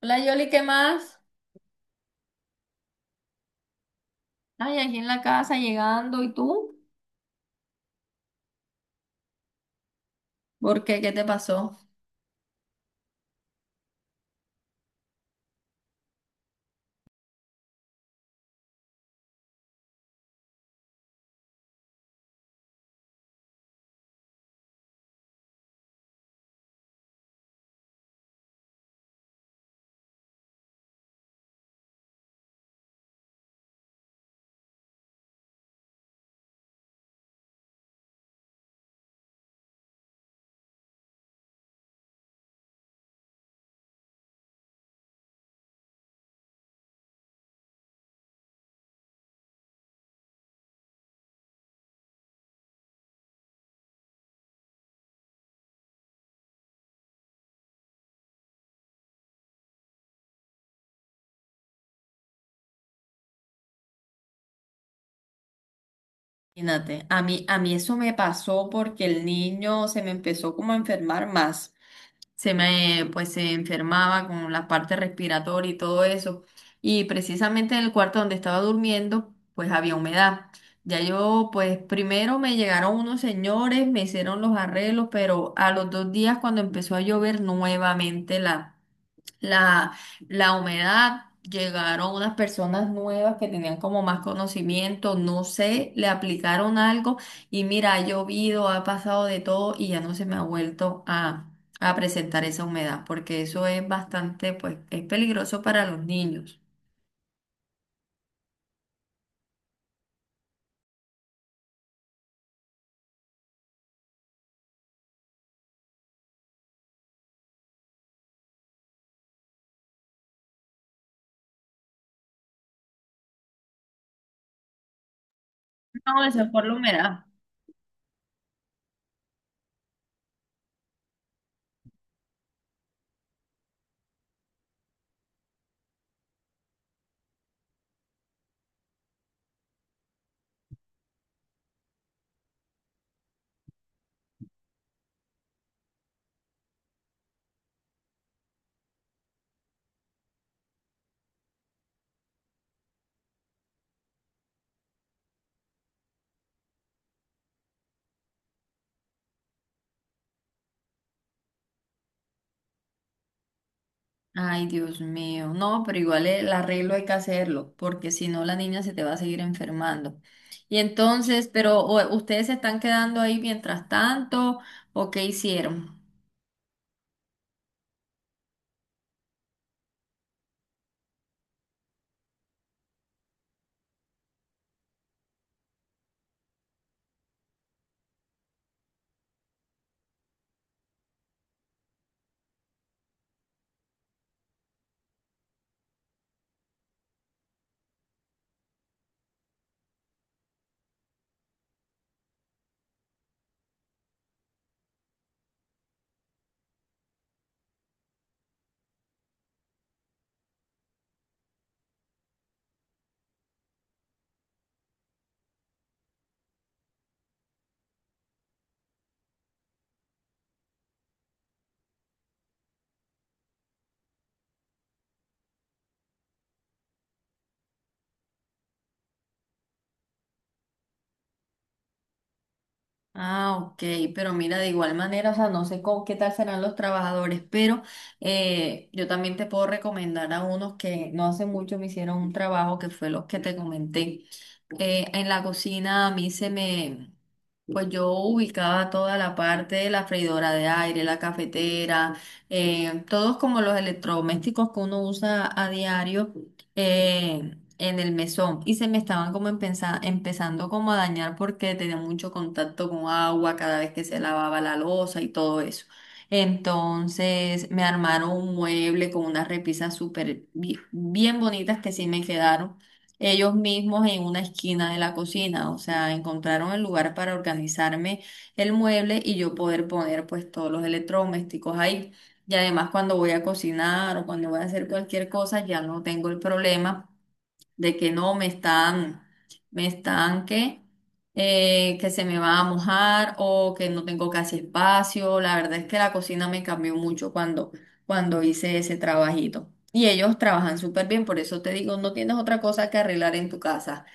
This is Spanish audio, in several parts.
Hola Yoli, ¿qué más? Ay, aquí en la casa llegando, ¿y tú? ¿Por qué? ¿Qué te pasó? Imagínate, a mí eso me pasó porque el niño se me empezó como a enfermar más. Pues se enfermaba con la parte respiratoria y todo eso. Y precisamente en el cuarto donde estaba durmiendo, pues había humedad. Ya yo, pues primero me llegaron unos señores, me hicieron los arreglos, pero a los dos días cuando empezó a llover nuevamente la, la humedad, llegaron unas personas nuevas que tenían como más conocimiento, no sé, le aplicaron algo y mira, ha llovido, ha pasado de todo y ya no se me ha vuelto a presentar esa humedad, porque eso es bastante, pues, es peligroso para los niños. No, esa es por la humedad. Ay, Dios mío. No, pero igual el arreglo hay que hacerlo, porque si no la niña se te va a seguir enfermando. Y entonces, pero ¿ustedes se están quedando ahí mientras tanto o qué hicieron? Ah, ok, pero mira, de igual manera, o sea, no sé cómo, qué tal serán los trabajadores, pero yo también te puedo recomendar a unos que no hace mucho me hicieron un trabajo que fue los que te comenté. En la cocina a mí se me... Pues yo ubicaba toda la parte de la freidora de aire, la cafetera, todos como los electrodomésticos que uno usa a diario en el mesón. Y se me estaban como empezando como a dañar porque tenía mucho contacto con agua cada vez que se lavaba la loza y todo eso. Entonces me armaron un mueble con unas repisas bien bonitas que sí me quedaron ellos mismos en una esquina de la cocina, o sea, encontraron el lugar para organizarme el mueble y yo poder poner pues todos los electrodomésticos ahí. Y además cuando voy a cocinar o cuando voy a hacer cualquier cosa ya no tengo el problema de que no me están, me están que se me va a mojar o que no tengo casi espacio. La verdad es que la cocina me cambió mucho cuando hice ese trabajito. Y ellos trabajan súper bien, por eso te digo, no tienes otra cosa que arreglar en tu casa.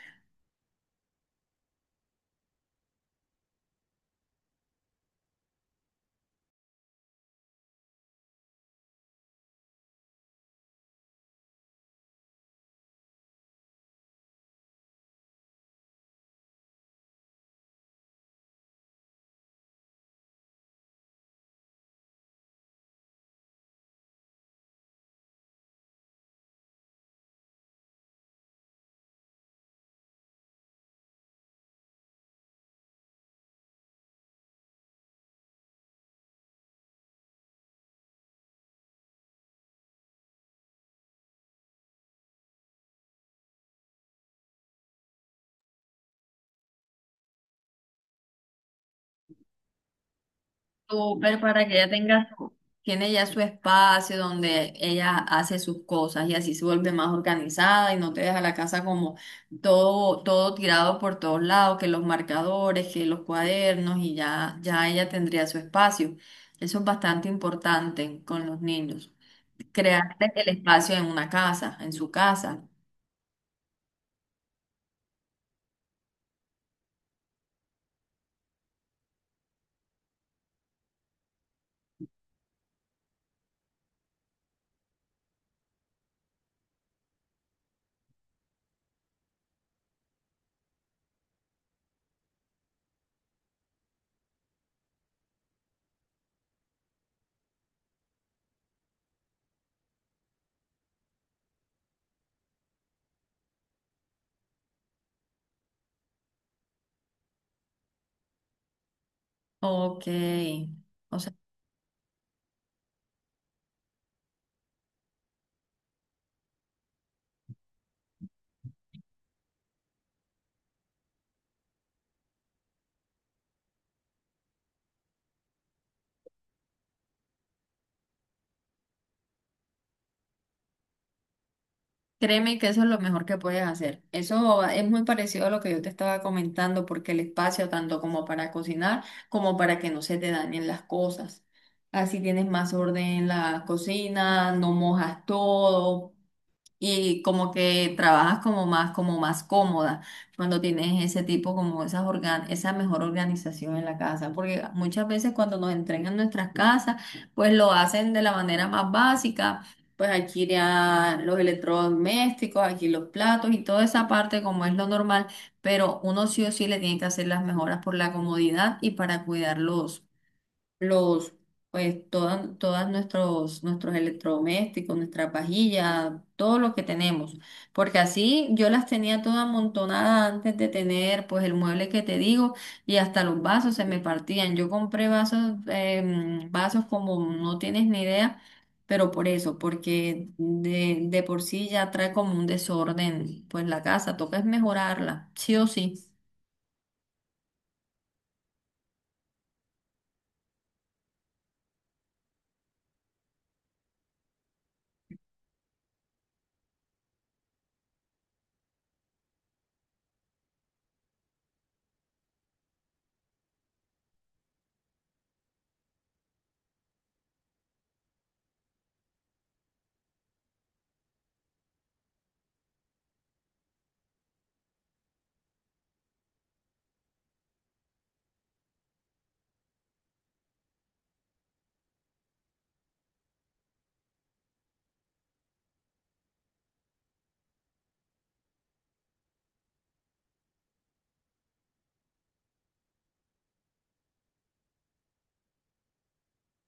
Súper para que tiene ya su espacio donde ella hace sus cosas y así se vuelve más organizada y no te deja la casa como todo tirado por todos lados, que los marcadores, que los cuadernos y ya ella tendría su espacio. Eso es bastante importante con los niños. Crearle el espacio en una casa, en su casa. Ok. O Créeme que eso es lo mejor que puedes hacer. Eso es muy parecido a lo que yo te estaba comentando, porque el espacio, tanto como para cocinar, como para que no se te dañen las cosas. Así tienes más orden en la cocina, no mojas todo y como que trabajas como más cómoda cuando tienes ese tipo, como esas organ esa mejor organización en la casa, porque muchas veces cuando nos entregan nuestras casas, pues lo hacen de la manera más básica, pues aquí ya los electrodomésticos, aquí los platos y toda esa parte como es lo normal, pero uno sí o sí le tiene que hacer las mejoras por la comodidad y para cuidarlos los, pues, todas nuestros electrodomésticos, nuestras vajillas, todo lo que tenemos. Porque así yo las tenía toda amontonada antes de tener, pues, el mueble que te digo y hasta los vasos se me partían. Yo compré vasos, vasos como no tienes ni idea, pero por eso, porque de por sí ya trae como un desorden, pues, la casa, toca es mejorarla, sí o sí.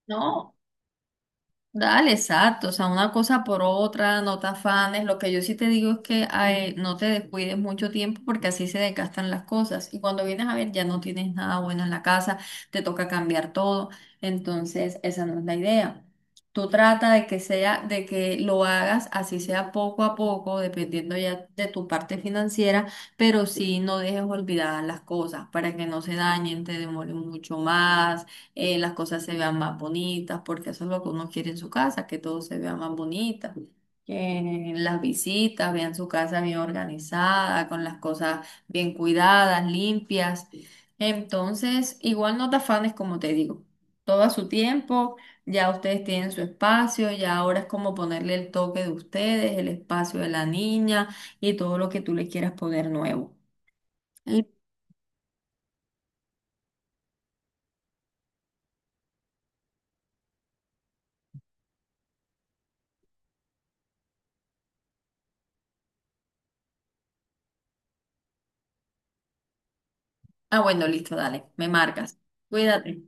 No, dale, exacto, o sea, una cosa por otra, no te afanes. Lo que yo sí te digo es que ay, no te descuides mucho tiempo porque así se desgastan las cosas. Y cuando vienes a ver, ya no tienes nada bueno en la casa, te toca cambiar todo. Entonces, esa no es la idea. Tú trata de que sea, de que lo hagas así sea poco a poco, dependiendo ya de tu parte financiera, pero sí no dejes olvidadas las cosas para que no se dañen, te demoren mucho más las cosas se vean más bonitas, porque eso es lo que uno quiere en su casa, que todo se vea más bonita, que las visitas vean su casa bien organizada, con las cosas bien cuidadas, limpias. Entonces, igual no te afanes, como te digo, todo a su tiempo, ya ustedes tienen su espacio, ya ahora es como ponerle el toque de ustedes, el espacio de la niña y todo lo que tú le quieras poner nuevo. Y- Ah, bueno, listo, dale, me marcas. Cuídate.